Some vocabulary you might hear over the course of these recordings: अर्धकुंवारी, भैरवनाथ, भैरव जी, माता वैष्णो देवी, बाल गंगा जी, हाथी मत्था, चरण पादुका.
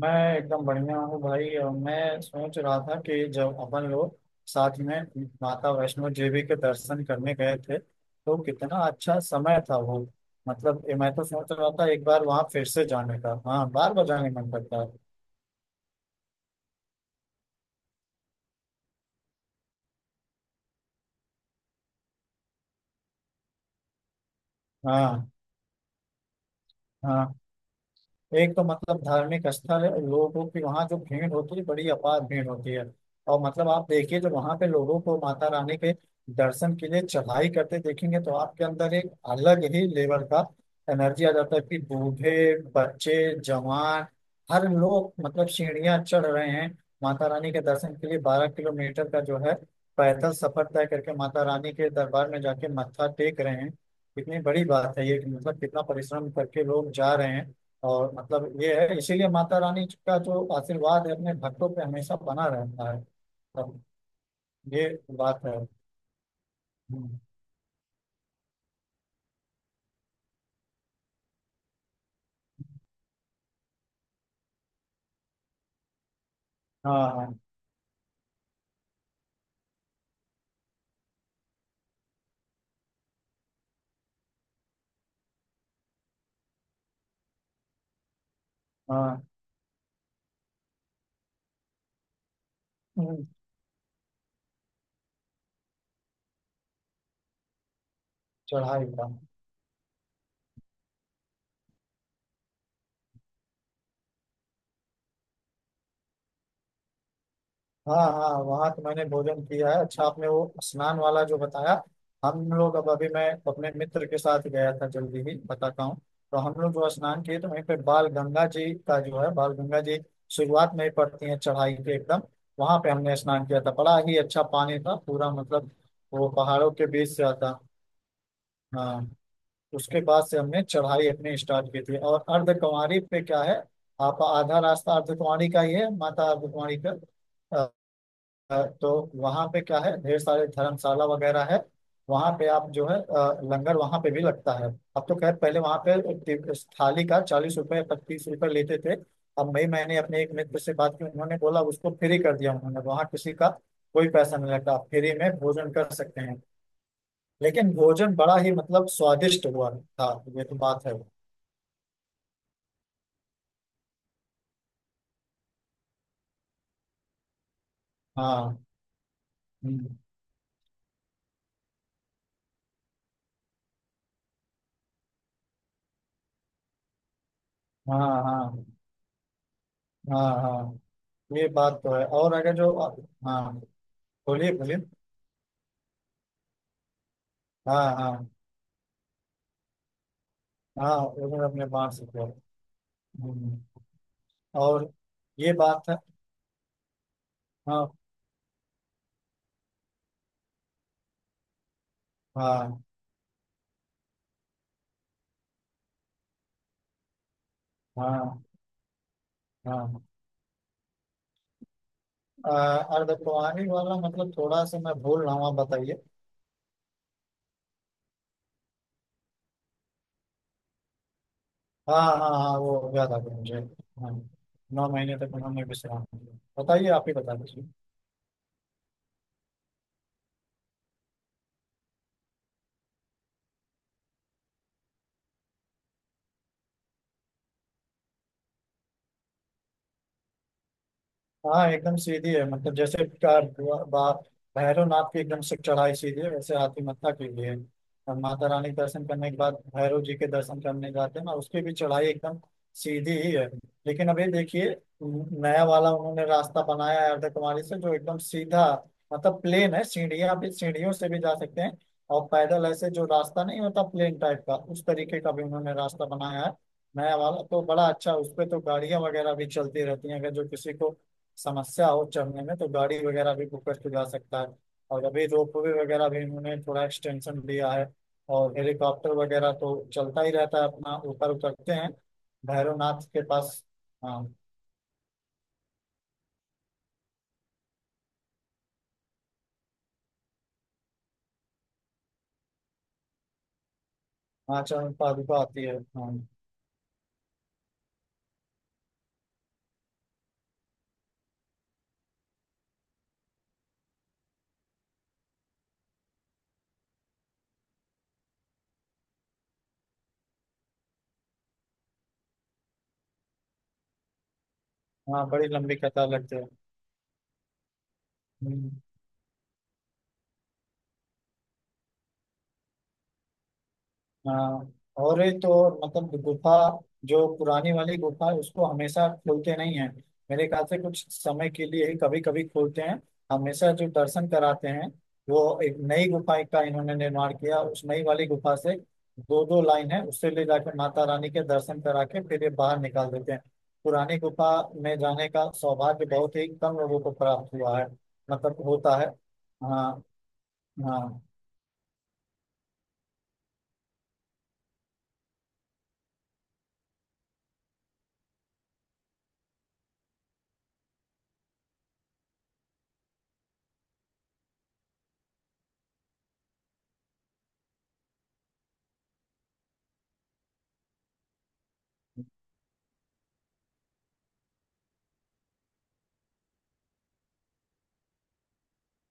मैं एकदम बढ़िया हूँ भाई। और मैं सोच रहा था कि जब अपन लोग साथ में माता वैष्णो देवी के दर्शन करने गए थे तो कितना अच्छा समय था वो। ये मैं तो सोच रहा था एक बार वहाँ फिर से जाने का। हाँ, बार बार जाने का मन करता है। हाँ, हाँ। एक तो धार्मिक स्थल है और लोगों की वहाँ जो भीड़ होती है बड़ी अपार भीड़ होती है। और आप देखिए जो वहाँ पे लोगों को माता रानी के दर्शन के लिए चढ़ाई करते देखेंगे तो आपके अंदर एक अलग ही लेवल का एनर्जी आ जाता है कि बूढ़े, बच्चे, जवान हर लोग सीढ़ियाँ चढ़ रहे हैं। माता रानी के दर्शन के लिए 12 किलोमीटर का जो है पैदल सफर तय करके माता रानी के दरबार में जाके मत्था टेक रहे हैं। कितनी बड़ी बात है ये कि कितना परिश्रम करके लोग जा रहे हैं। और ये है, इसीलिए माता रानी का जो आशीर्वाद है अपने भक्तों पे हमेशा बना रहता है। तब ये बात है। हम्म। हाँ हाँ हाँ। हम्म। चढ़ाई का। हाँ हाँ, वहाँ तो मैंने भोजन किया है। अच्छा, आपने वो स्नान वाला जो बताया, हम लोग अब अभी मैं अपने मित्र के साथ गया था जल्दी ही बताता हूँ। तो हम लोग जो स्नान किए तो वहीं पे बाल गंगा जी का जो है, बाल गंगा जी शुरुआत में ही पड़ती है चढ़ाई के एकदम। वहां पे हमने स्नान किया था, बड़ा ही अच्छा पानी था पूरा। वो पहाड़ों के बीच से आता। हाँ। उसके बाद से हमने चढ़ाई अपनी स्टार्ट की थी और अर्धकुंवारी पे क्या है, आप आधा रास्ता अर्धकुंवारी का ही है, माता अर्धकुंवारी का। तो वहाँ पे क्या है, ढेर सारे धर्मशाला वगैरह है। वहाँ पे आप जो है लंगर वहाँ पे भी लगता है। अब तो खैर पहले वहाँ पे थाली का 40 रुपए, 25 रुपए लेते थे। अब मई मैंने अपने एक मित्र से बात की, उन्होंने बोला उसको फ्री कर दिया उन्होंने, वहाँ किसी का कोई पैसा नहीं लगता, आप फ्री में भोजन कर सकते हैं। लेकिन भोजन बड़ा ही स्वादिष्ट हुआ था। ये तो बात है। हाँ। हम्म। हाँ हाँ हाँ। हाँ, ये बात तो है। और अगर जो, हाँ, बोलिए बोलिए। हाँ हाँ। हाँ उन्होंने अपने बाप से किया। हम्म। और ये बात है। हाँ हाँ। हाँ हाँ। अ, अर्धकुंवारी वाला थोड़ा सा मैं भूल रहा हूँ, आप बताइए। हाँ हाँ हाँ, वो याद आ गया मुझे। हाँ, 9 महीने तक उन्होंने विश्राम लिया। बताइए, आप ही बता दीजिए। हाँ एकदम सीधी है, जैसे बा- भैरवनाथ की एकदम से चढ़ाई सीधी है, वैसे हाथी मत्था की भी है। और माता रानी के दर्शन करने के बाद भैरव जी के दर्शन करने जाते हैं ना, उसकी भी चढ़ाई एकदम सीधी ही है। लेकिन अभी देखिए, नया वाला उन्होंने रास्ता बनाया है अर्धकुमारी से, जो एकदम सीधा प्लेन है। सीढ़ियाँ भी, सीढ़ियों से भी जा सकते हैं। और पैदल ऐसे जो रास्ता नहीं होता प्लेन टाइप का, उस तरीके का भी उन्होंने रास्ता बनाया है। नया वाला तो बड़ा अच्छा, उस पे तो गाड़ियां वगैरह भी चलती रहती हैं। अगर जो किसी को समस्या हो चढ़ने में तो गाड़ी वगैरह भी बुक करके जा सकता है। और अभी रोप वे वगैरह भी इन्होंने थोड़ा एक्सटेंशन दिया है। और हेलीकॉप्टर वगैरह तो चलता ही रहता है, अपना ऊपर उतरते हैं भैरवनाथ के पास। हाँ। वहाँ चरण पादुका आती है, हाँ। वहाँ बड़ी लंबी कतार लगती है। हम्म। हाँ, और एक तो और गुफा जो पुरानी वाली गुफा है उसको हमेशा खोलते नहीं है। मेरे ख्याल से कुछ समय के लिए ही कभी कभी खोलते हैं। हमेशा जो दर्शन कराते हैं, वो एक नई गुफा का इन्होंने निर्माण किया। उस नई वाली गुफा से दो दो लाइन है, उससे ले जाकर माता रानी के दर्शन करा के फिर ये बाहर निकाल देते हैं। पुरानी गुफा में जाने का सौभाग्य बहुत ही कम लोगों को प्राप्त हुआ है। होता है। हाँ हाँ।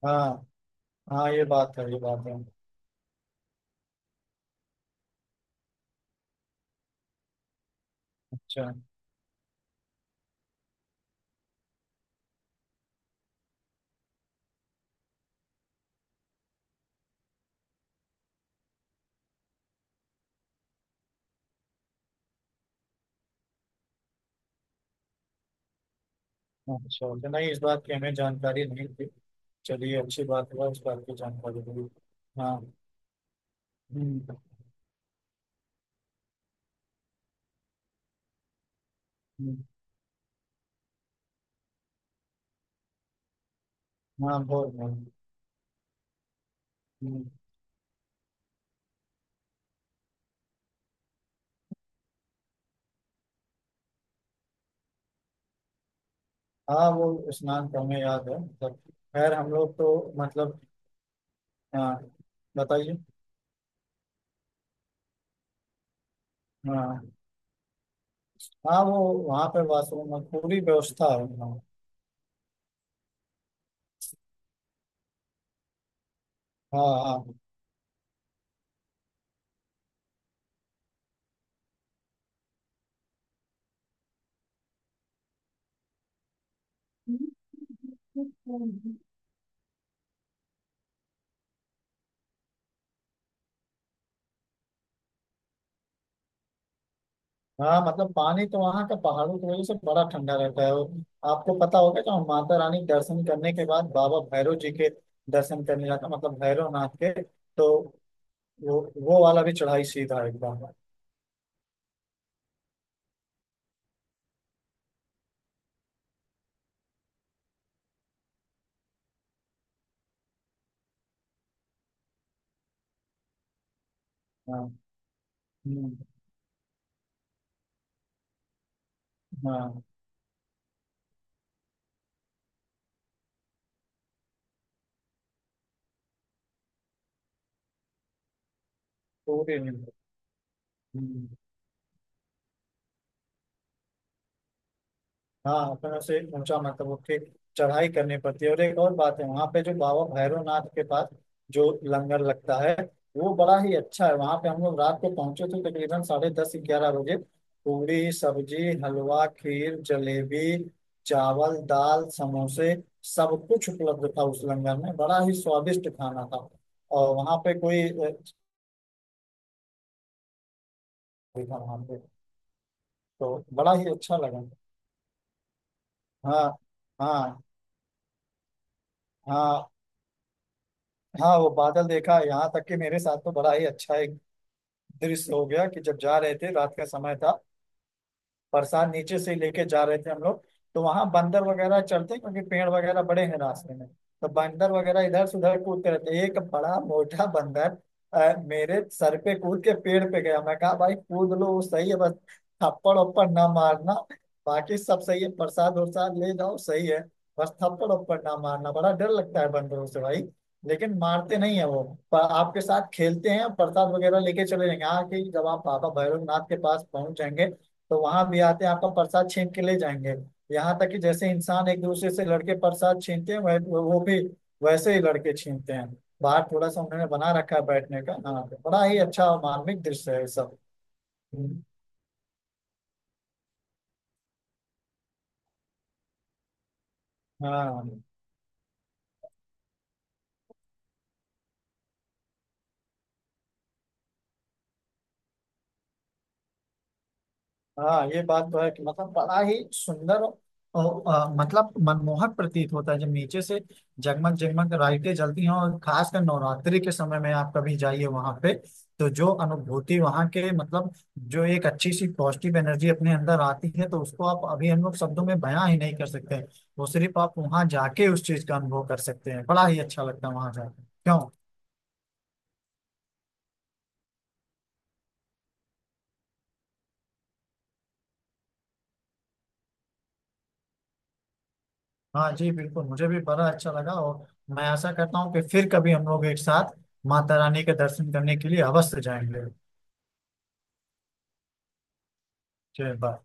हाँ, हाँ, ये बात है, ये बात है। अच्छा। अच्छा, तो नहीं, इस बात की हमें जानकारी नहीं थी। चलिए, अच्छी बात हुआ, इस बात की जानकारी हुई। हाँ। हम्म। हम्म। हाँ, बहुत बहुत। हम्म। हाँ, वो स्नान तो हमें याद है खैर हम लोग तो हाँ। बताइए। हाँ हाँ, वो वहाँ पे वाशरूम में पूरी व्यवस्था है, हाँ। हाँ हाँ। हाँ पानी तो वहाँ का पहाड़ों की वजह से बड़ा ठंडा रहता है। और आपको पता होगा कि हम माता रानी के दर्शन करने के बाद बाबा भैरव जी के दर्शन करने जाते हैं, भैरव नाथ के। तो वो वो वाला भी चढ़ाई सीधा है एकदम। हाँ। हम्म। हाँ। पूरी नहीं। हम्म। हाँ, अपने से ऊंचा उठे चढ़ाई करनी पड़ती है। और एक और बात है, वहाँ पे जो बाबा भैरवनाथ के पास जो लंगर लगता है वो बड़ा ही अच्छा है। वहाँ पे हम लोग रात को पहुंचे थे तकरीबन साढ़े दस, ग्यारह बजे। पूरी, सब्जी, हलवा, खीर, जलेबी, चावल, दाल, समोसे, सब कुछ उपलब्ध था उस लंगर में। बड़ा ही स्वादिष्ट खाना था। और वहाँ पे कोई था वहाँ पे तो बड़ा ही अच्छा लगा। हाँ। हाँ हाँ। हाँ वो बादल देखा। यहाँ तक कि मेरे साथ तो बड़ा ही अच्छा एक दृश्य हो गया कि जब जा रहे थे, रात का समय था, बरसात नीचे से लेके जा रहे थे हम लोग। तो वहां बंदर वगैरह चलते हैं, क्योंकि पेड़ वगैरह बड़े हैं रास्ते में, तो बंदर वगैरह इधर से उधर कूदते रहते हैं। एक बड़ा मोटा बंदर मेरे सर पे कूद के पेड़ पे गया। मैं कहा, भाई कूद लो वो सही है, बस थप्पड़ उप्पड़ ना मारना। बाकी सब सही है, प्रसाद वरसाद ले जाओ सही है, बस थप्पड़ उप्पड़ ना मारना। बड़ा डर लगता है बंदरों से भाई, लेकिन मारते नहीं है वो। पर आपके साथ खेलते हैं, प्रसाद वगैरह लेके चले जाएंगे। हाँ, कि जब आप बाबा भैरवनाथ के पास पहुंच जाएंगे तो वहां भी आते हैं, आपका प्रसाद छीन के ले जाएंगे। यहाँ तक कि जैसे इंसान एक दूसरे से लड़के प्रसाद छीनते हैं, वह वो भी वैसे ही लड़के छीनते हैं। बाहर थोड़ा सा उन्होंने बना रखा है बैठने का, हाँ, तो बड़ा ही अच्छा और मार्मिक दृश्य है ये सब। हम्म। हाँ हाँ, ये बात तो है कि बड़ा ही सुंदर और मनमोहक प्रतीत होता है जब नीचे से जगमग जगमग लाइटें जलती हैं। और खासकर नवरात्रि के समय में आप कभी जाइए वहां पे, तो जो अनुभूति वहां के जो एक अच्छी सी पॉजिटिव एनर्जी अपने अंदर आती है, तो उसको आप अभी हम लोग शब्दों में बयां ही नहीं कर सकते हैं। वो सिर्फ आप वहां जाके उस चीज का अनुभव कर सकते हैं, बड़ा ही अच्छा लगता है वहां जाकर, क्यों। हाँ जी बिल्कुल, मुझे भी बड़ा अच्छा लगा। और मैं आशा करता हूँ कि फिर कभी हम लोग एक साथ माता रानी के दर्शन करने के लिए अवश्य जाएंगे। जय बाबा।